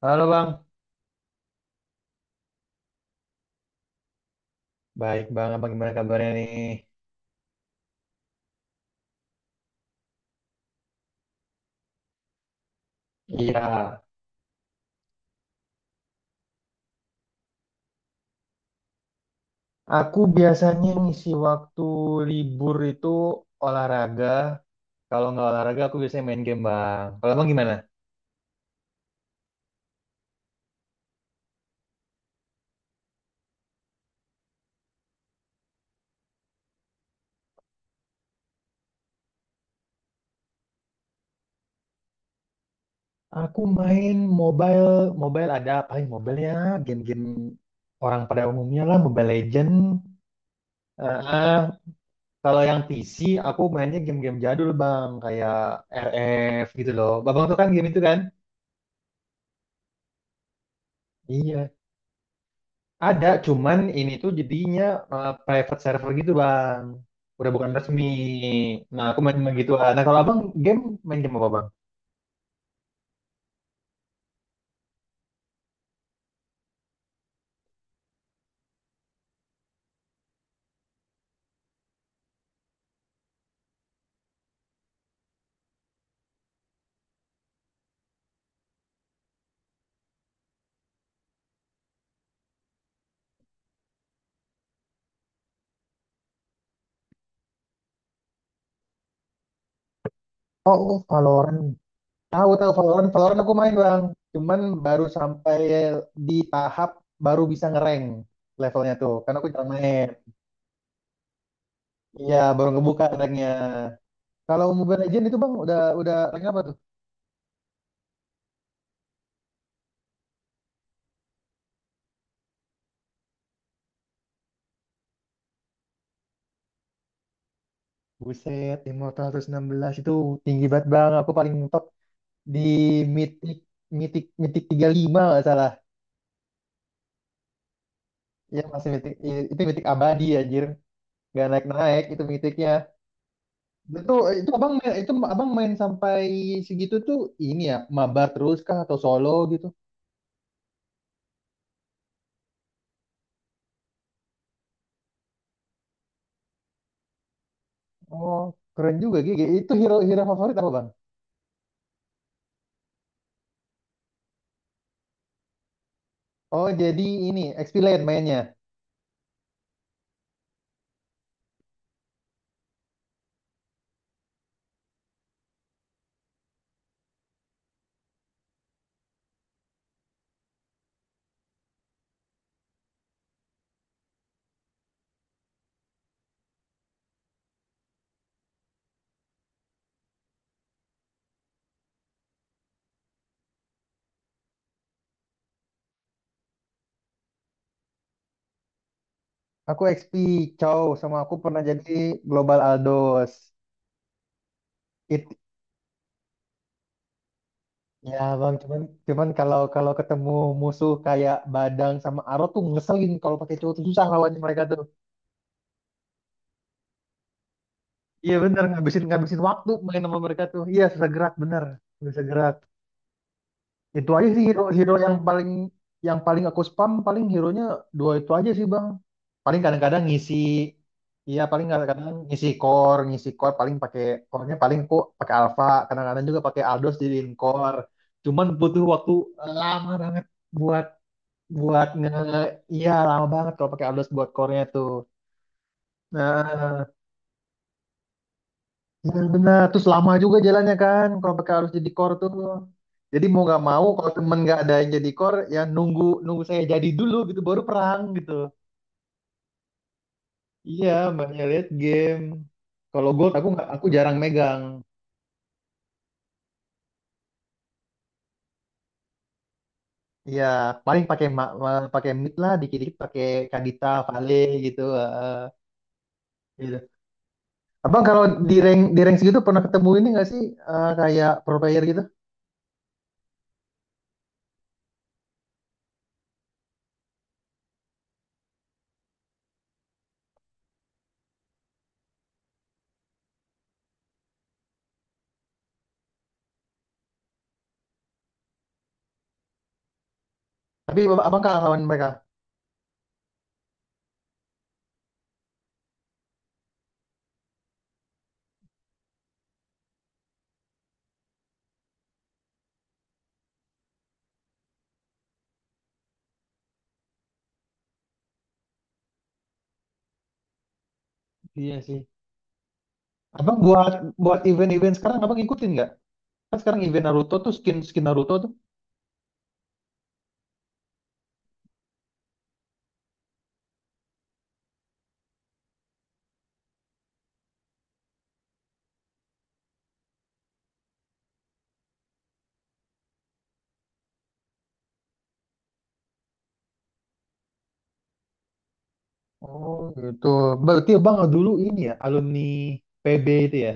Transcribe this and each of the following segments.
Halo Bang, baik Bang, apa gimana kabarnya nih? Iya. Aku biasanya ngisi waktu libur itu olahraga. Kalau nggak olahraga, aku biasanya main game Bang. Kalau Bang gimana? Aku main mobile, mobile ada apa ya? Mobile ya, game-game orang pada umumnya lah, Mobile Legend. Eh, eh, kalau yang P C, aku mainnya game-game jadul Bang, kayak R F gitu loh. Bang tuh kan game itu kan? Iya. Ada, cuman ini tuh jadinya private server gitu bang. Udah bukan resmi. Nah aku main main gitu. Nah kalau abang game main game apa bang? Oh, oh, Valorant. Tahu tahu Valorant, Valorant aku main bang. Cuman baru sampai di tahap baru bisa ngerank levelnya tuh. Karena aku jarang main. Iya, baru ngebuka ranknya. Kalau Mobile Legends itu bang udah rank apa tuh? Buset, 516 itu tinggi banget bang. Aku paling top di mitik mitik mitik 35 nggak salah, ya masih mitik, itu mitik abadi anjir, nggak naik naik itu mitiknya. itu itu abang main sampai segitu tuh, ini ya mabar terus kah atau solo gitu? Oh keren juga Gigi, itu hero hero favorit apa bang? Oh jadi ini XP lane mainnya. Aku XP Chow, sama aku pernah jadi Global Aldos it Ya bang, cuman cuman kalau kalau ketemu musuh kayak Badang sama Aro tuh ngeselin, kalau pakai cowok tuh susah lawannya mereka tuh. Iya bener, ngabisin ngabisin waktu main sama mereka tuh. Iya susah gerak bener, nggak bisa gerak. Itu aja sih hero hero yang paling aku spam, paling hero-nya dua itu aja sih bang. Paling kadang-kadang ngisi, iya paling kadang-kadang ngisi core paling pakai, core-nya paling aku pakai Alpha, kadang-kadang juga pakai Aldos jadiin core. Cuman butuh waktu lama banget buat buat nge Iya, lama banget kalau pakai ardos buat core-nya tuh. Nah, benar benar. Terus lama juga jalannya kan kalau pakai ardos jadi core tuh. Jadi mau nggak mau kalau temen nggak ada yang jadi core ya nunggu nunggu saya jadi dulu gitu baru perang gitu. Iya, makanya lihat game. Kalau gold aku, nggak, aku jarang megang. Iya, paling pakai pakai mid lah, dikit-dikit pakai Kadita, Vale gitu. Gitu. Abang kalau di rank segitu pernah ketemu ini nggak sih, kayak pro player gitu? Tapi abang kalah lawan mereka. Iya sih. Abang buat buat event-event sekarang abang ikutin nggak? Kan sekarang event Naruto tuh, skin skin Naruto tuh. Oh gitu. Berarti abang dulu ini ya alumni PB itu ya.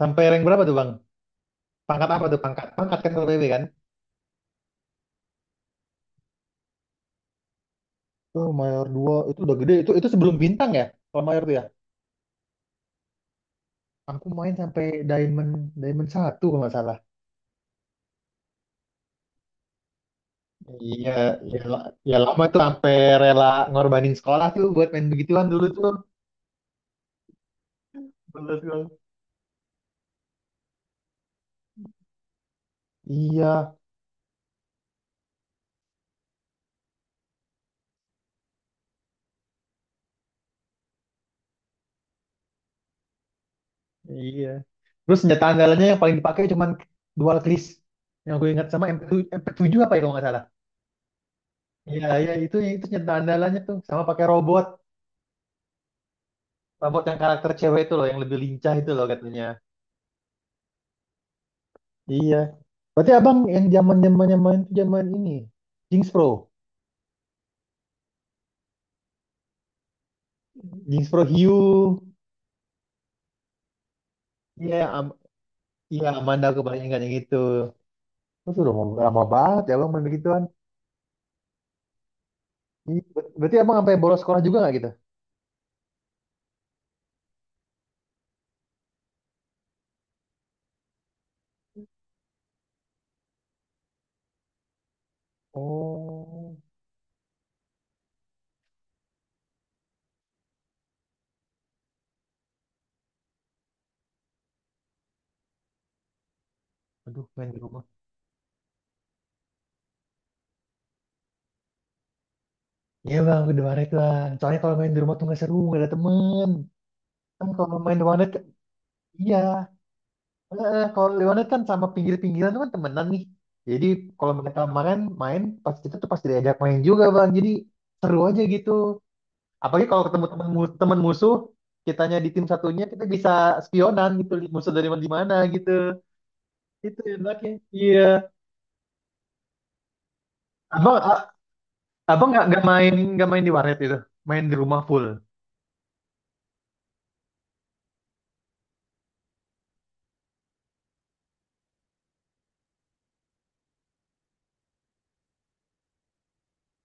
Sampai rank berapa tuh bang? Pangkat apa tuh pangkat? Pangkat kan kalau PB kan? Oh mayor 2 itu udah gede, itu sebelum bintang ya? Kalau mayor tuh ya. Aku main sampai diamond diamond satu kalau nggak salah. Iya, ya, ya lama tuh, sampai rela ngorbanin sekolah tuh buat main begituan dulu tuh. Bener, tuh. Iya, iya. Terus senjata andalannya yang paling dipakai cuman dual cris. Yang gue ingat sama MP7, MP7 apa ya kalau nggak salah. Iya, iya itu senjata andalannya tuh, sama pakai robot, robot yang karakter cewek itu loh yang lebih lincah itu loh katanya. Iya. Berarti abang yang zaman zamannya main tuh zaman ini, Jinx Pro, Jinx Pro Hue. Iya, iya, Amanda aku paling ingat yang itu. Terus udah lama, lama banget ya abang main begituan. Iya, berarti abang sampai bolos sekolah juga nggak gitu? Oh, aduh, main di rumah. Iya bang, udah warnet bang. Soalnya kalau main di rumah tuh nggak seru, nggak ada temen. Kan kalau main di warnet, iya. Kalau di warnet kan sama pinggir-pinggiran tuh kan temenan nih. Jadi kalau mereka kemarin main, pas kita tuh pasti diajak main juga bang. Jadi seru aja gitu. Apalagi kalau ketemu temen, temen musuh, kitanya di tim satunya, kita bisa spionan gitu. Musuh dari mana di mana gitu. Itu enaknya. Iya. Abang, abang nggak main, nggak main di warnet itu. Main di rumah full.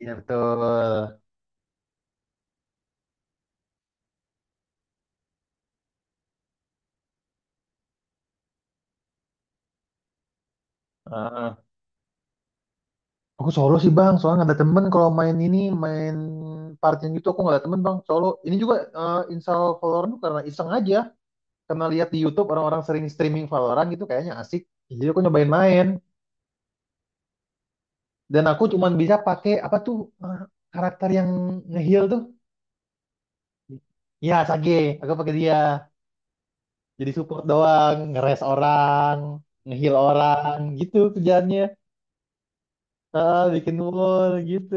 Iya betul. Heeh. Aku solo sih bang, soalnya nggak ada temen kalau main ini, main partian gitu aku nggak ada temen bang, solo. Ini juga install Valorant tuh karena iseng aja, karena lihat di YouTube orang-orang sering streaming Valorant gitu kayaknya asik. Jadi aku nyobain main, dan aku cuman bisa pakai apa tuh, eh, karakter yang nge heal tuh. Ya Sage, aku pakai dia. Jadi support doang, ngeres orang, nge heal orang gitu kerjaannya. Ah, bikin wall gitu.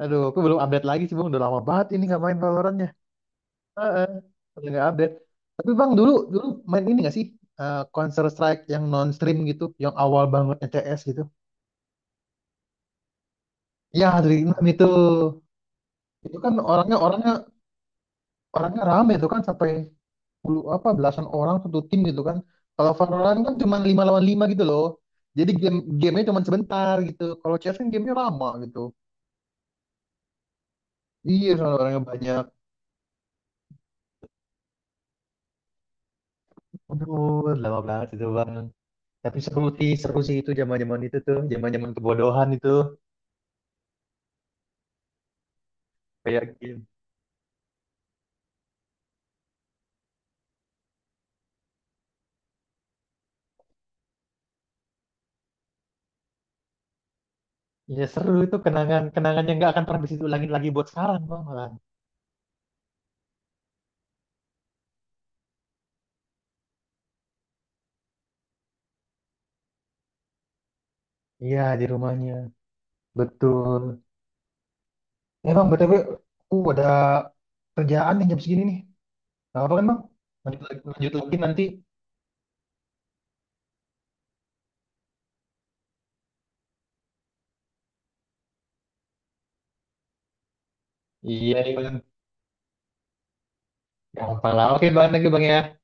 Aduh, aku belum update lagi sih bang, udah lama banget ini nggak main Valorant. Heeh, paling nggak update. Tapi bang dulu dulu main ini nggak sih, Counter Strike yang non stream gitu, yang awal banget CS gitu? Ya dari enam itu, kan orangnya orangnya orangnya rame tuh kan, sampai puluh apa belasan orang satu tim gitu kan. Kalau Valorant kan cuma lima lawan lima gitu loh. Jadi gamenya cuma sebentar gitu. Kalau CS kan gamenya lama gitu. Iya, soalnya orangnya banyak. Aduh, lama banget itu bang. Tapi seru sih itu zaman-zaman itu tuh, zaman-zaman kebodohan itu, kayak game. Iya seru, itu kenangan kenangan yang nggak akan pernah bisa diulangin lagi buat sekarang bang malah. Iya di rumahnya betul. Eh bang, btw aku ada kerjaan nih jam segini nih. Gak apa kan bang? Lanjut lagi nanti. Iya iya, bang. Gampang lah. Oke bang, lagi bang ya.